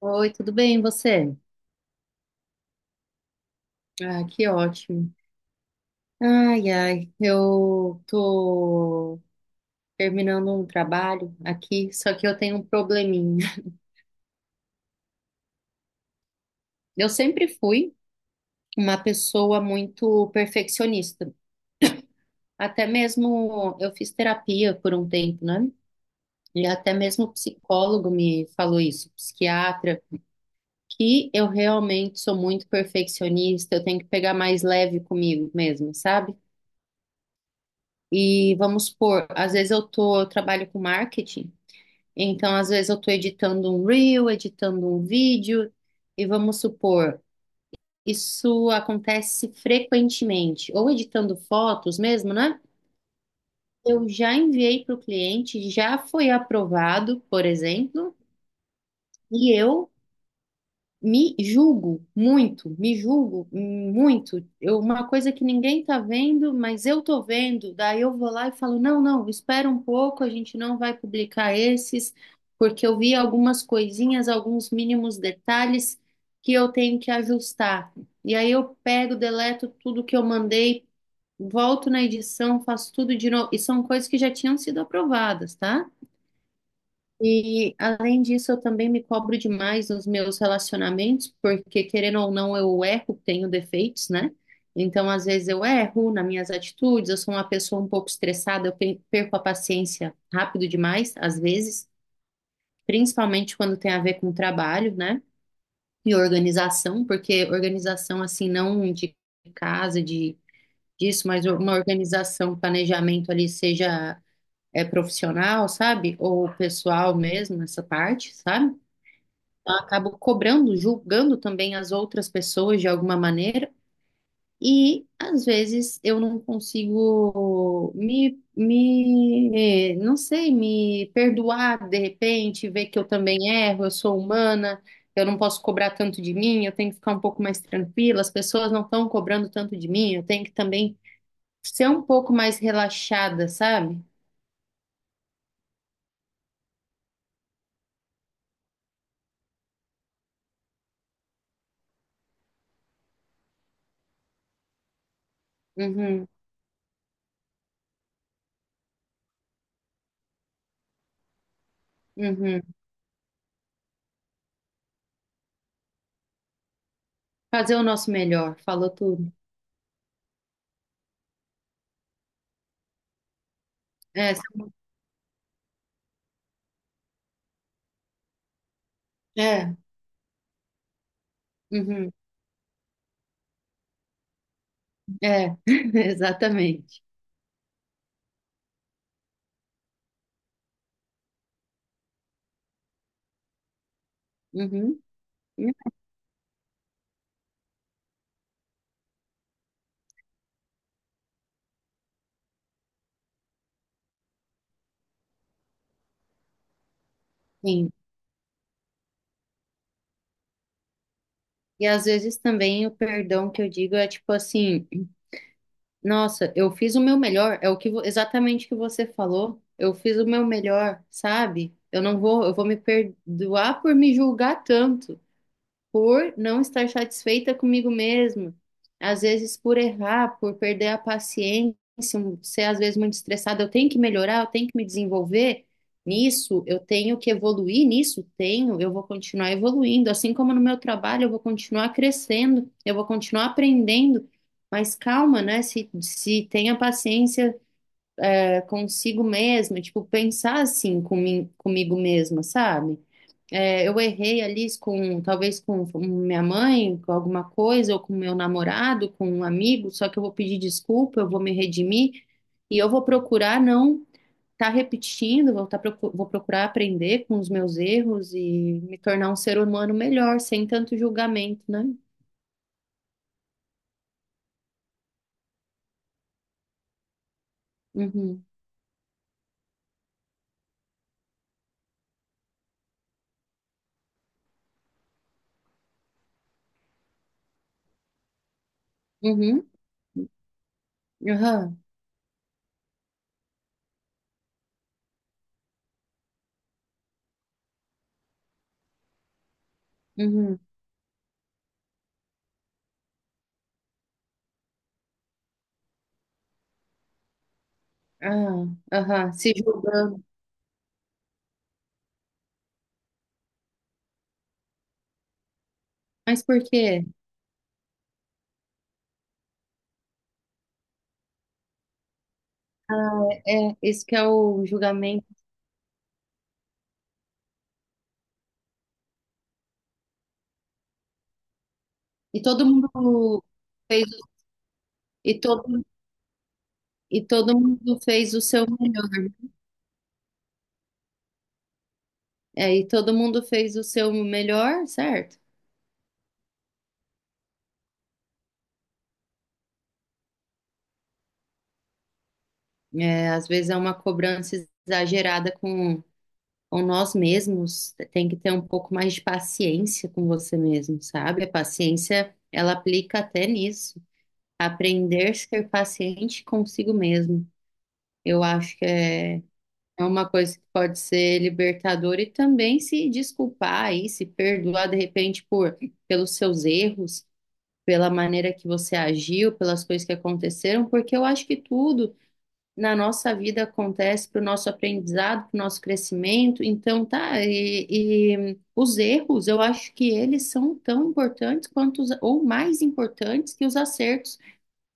Oi, tudo bem, e você? Ah, que ótimo. Ai, ai, eu tô terminando um trabalho aqui, só que eu tenho um probleminha. Eu sempre fui uma pessoa muito perfeccionista. Até mesmo eu fiz terapia por um tempo, né? E até mesmo o psicólogo me falou isso, psiquiatra, que eu realmente sou muito perfeccionista, eu tenho que pegar mais leve comigo mesmo, sabe? E vamos supor, às vezes eu tô, eu trabalho com marketing, então às vezes eu tô editando um reel, editando um vídeo, e vamos supor, isso acontece frequentemente, ou editando fotos mesmo, né? Eu já enviei para o cliente, já foi aprovado, por exemplo, e eu me julgo muito, me julgo muito. Eu, uma coisa que ninguém tá vendo, mas eu tô vendo. Daí eu vou lá e falo: não, não, espera um pouco, a gente não vai publicar esses, porque eu vi algumas coisinhas, alguns mínimos detalhes que eu tenho que ajustar. E aí eu pego, deleto tudo que eu mandei, volto na edição, faço tudo de novo. E são coisas que já tinham sido aprovadas, tá? E além disso, eu também me cobro demais nos meus relacionamentos, porque querendo ou não, eu erro, tenho defeitos, né? Então, às vezes eu erro nas minhas atitudes, eu sou uma pessoa um pouco estressada, eu perco a paciência rápido demais, às vezes, principalmente quando tem a ver com trabalho, né? E organização, porque organização assim não de casa, de disso, mas uma organização, um planejamento ali seja é profissional, sabe? Ou pessoal mesmo, nessa parte, sabe? Eu acabo cobrando, julgando também as outras pessoas de alguma maneira, e às vezes eu não consigo me, não sei, me perdoar de repente, ver que eu também erro, eu sou humana, eu não posso cobrar tanto de mim, eu tenho que ficar um pouco mais tranquila, as pessoas não estão cobrando tanto de mim, eu tenho que também ser um pouco mais relaxada, sabe? Uhum, uhum. Fazer o nosso melhor, falou tudo. É, é, uhum. É, exatamente. Uhum. Uhum, sim. E às vezes também o perdão que eu digo é tipo assim, nossa, eu fiz o meu melhor, é o que exatamente o que você falou. Eu fiz o meu melhor, sabe? Eu não vou, eu vou me perdoar por me julgar tanto, por não estar satisfeita comigo mesma, às vezes por errar, por perder a paciência, ser às vezes muito estressada, eu tenho que melhorar, eu tenho que me desenvolver nisso, eu tenho que evoluir nisso, tenho, eu vou continuar evoluindo, assim como no meu trabalho, eu vou continuar crescendo, eu vou continuar aprendendo. Mas calma, né? Se tenha paciência consigo mesma, tipo, pensar assim comigo mesma, sabe? É, eu errei ali com, talvez com minha mãe, com alguma coisa, ou com meu namorado, com um amigo, só que eu vou pedir desculpa, eu vou me redimir e eu vou procurar não estar repetindo, vou, tá, vou procurar aprender com os meus erros e me tornar um ser humano melhor, sem tanto julgamento, né? Uhum, uhum, aham, uhum, ah, aham, se julgando. Mas por quê? Ah, é, é, esse que é o julgamento. E todo mundo fez, e todo e todo mundo fez o seu melhor. É, e todo mundo fez o seu melhor, certo? É, às vezes é uma cobrança exagerada com nós mesmos. Tem que ter um pouco mais de paciência com você mesmo, sabe? A paciência, ela aplica até nisso. Aprender a ser paciente consigo mesmo. Eu acho que é, é uma coisa que pode ser libertadora e também se desculpar aí, se perdoar de repente por pelos seus erros, pela maneira que você agiu, pelas coisas que aconteceram, porque eu acho que tudo na nossa vida acontece para o nosso aprendizado, para o nosso crescimento. Então, tá, e os erros, eu acho que eles são tão importantes quanto, os, ou mais importantes que os acertos,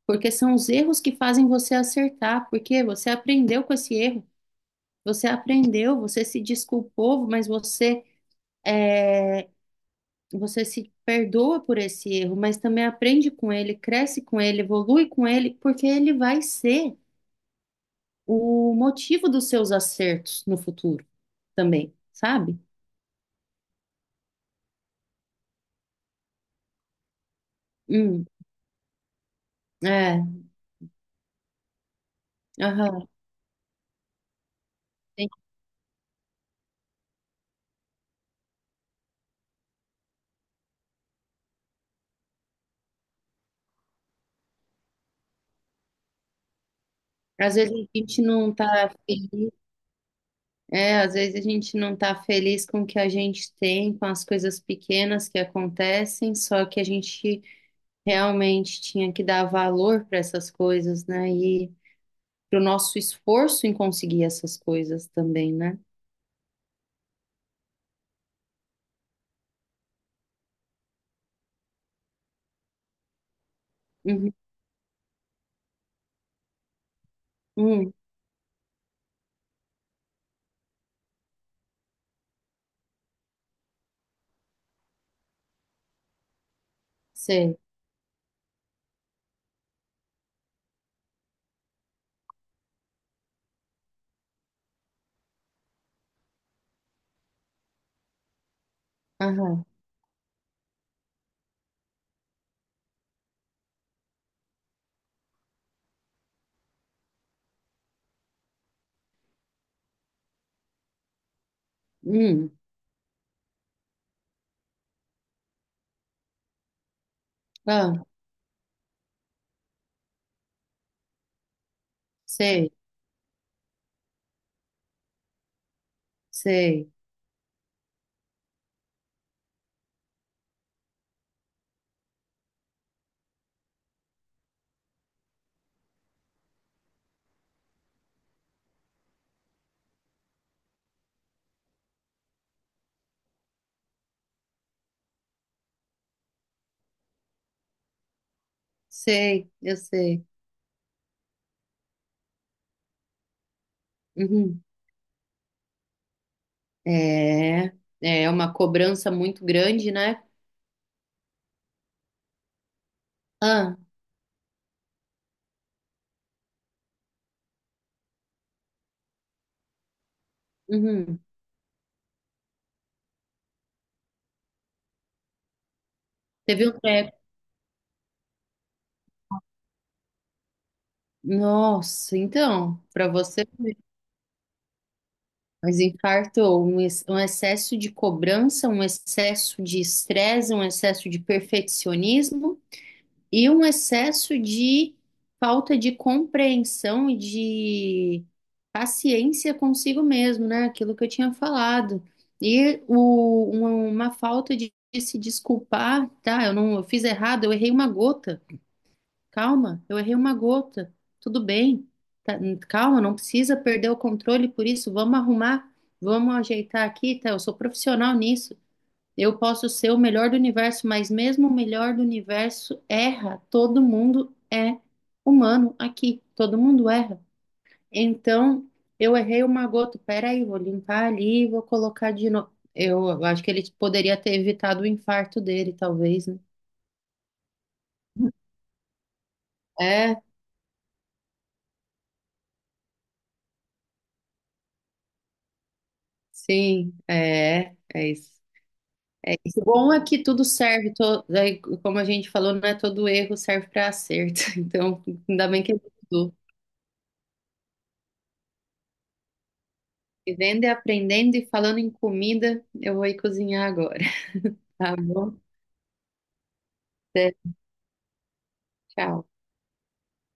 porque são os erros que fazem você acertar, porque você aprendeu com esse erro, você aprendeu, você se desculpou, mas você. É, você se perdoa por esse erro, mas também aprende com ele, cresce com ele, evolui com ele, porque ele vai ser o motivo dos seus acertos no futuro também, sabe? Hum, é, aham. Tem- Às vezes a gente não tá feliz, é, às vezes a gente não tá feliz com o que a gente tem, com as coisas pequenas que acontecem, só que a gente realmente tinha que dar valor para essas coisas, né? E pro nosso esforço em conseguir essas coisas também, né? Uhum. Hum, sei. Aham. Hum. Ah, sei, sei, sei, eu sei. Uhum. É, é uma cobrança muito grande, né? Ah, uhum. Teve um treco. Nossa, então, para você, ver, mas infartou um excesso de cobrança, um excesso de estresse, um excesso de perfeccionismo, e um excesso de falta de compreensão e de paciência consigo mesmo, né? Aquilo que eu tinha falado. Uma falta de se desculpar, tá? Eu não, eu fiz errado, eu errei uma gota. Calma, eu errei uma gota. Tudo bem. Tá, calma, não precisa perder o controle por isso. Vamos arrumar, vamos ajeitar aqui, tá? Eu sou profissional nisso. Eu posso ser o melhor do universo, mas mesmo o melhor do universo erra. Todo mundo é humano aqui. Todo mundo erra. Então, eu errei uma gota. Peraí, vou limpar ali, vou colocar de novo. Eu acho que ele poderia ter evitado o infarto dele, talvez, né? É, sim, é, é isso. O bom é que tudo serve, to- daí, como a gente falou, não é todo erro serve para acerto. Então, ainda bem que ele mudou. Vivendo e aprendendo e falando em comida, eu vou ir cozinhar agora, tá bom? Até, tchau.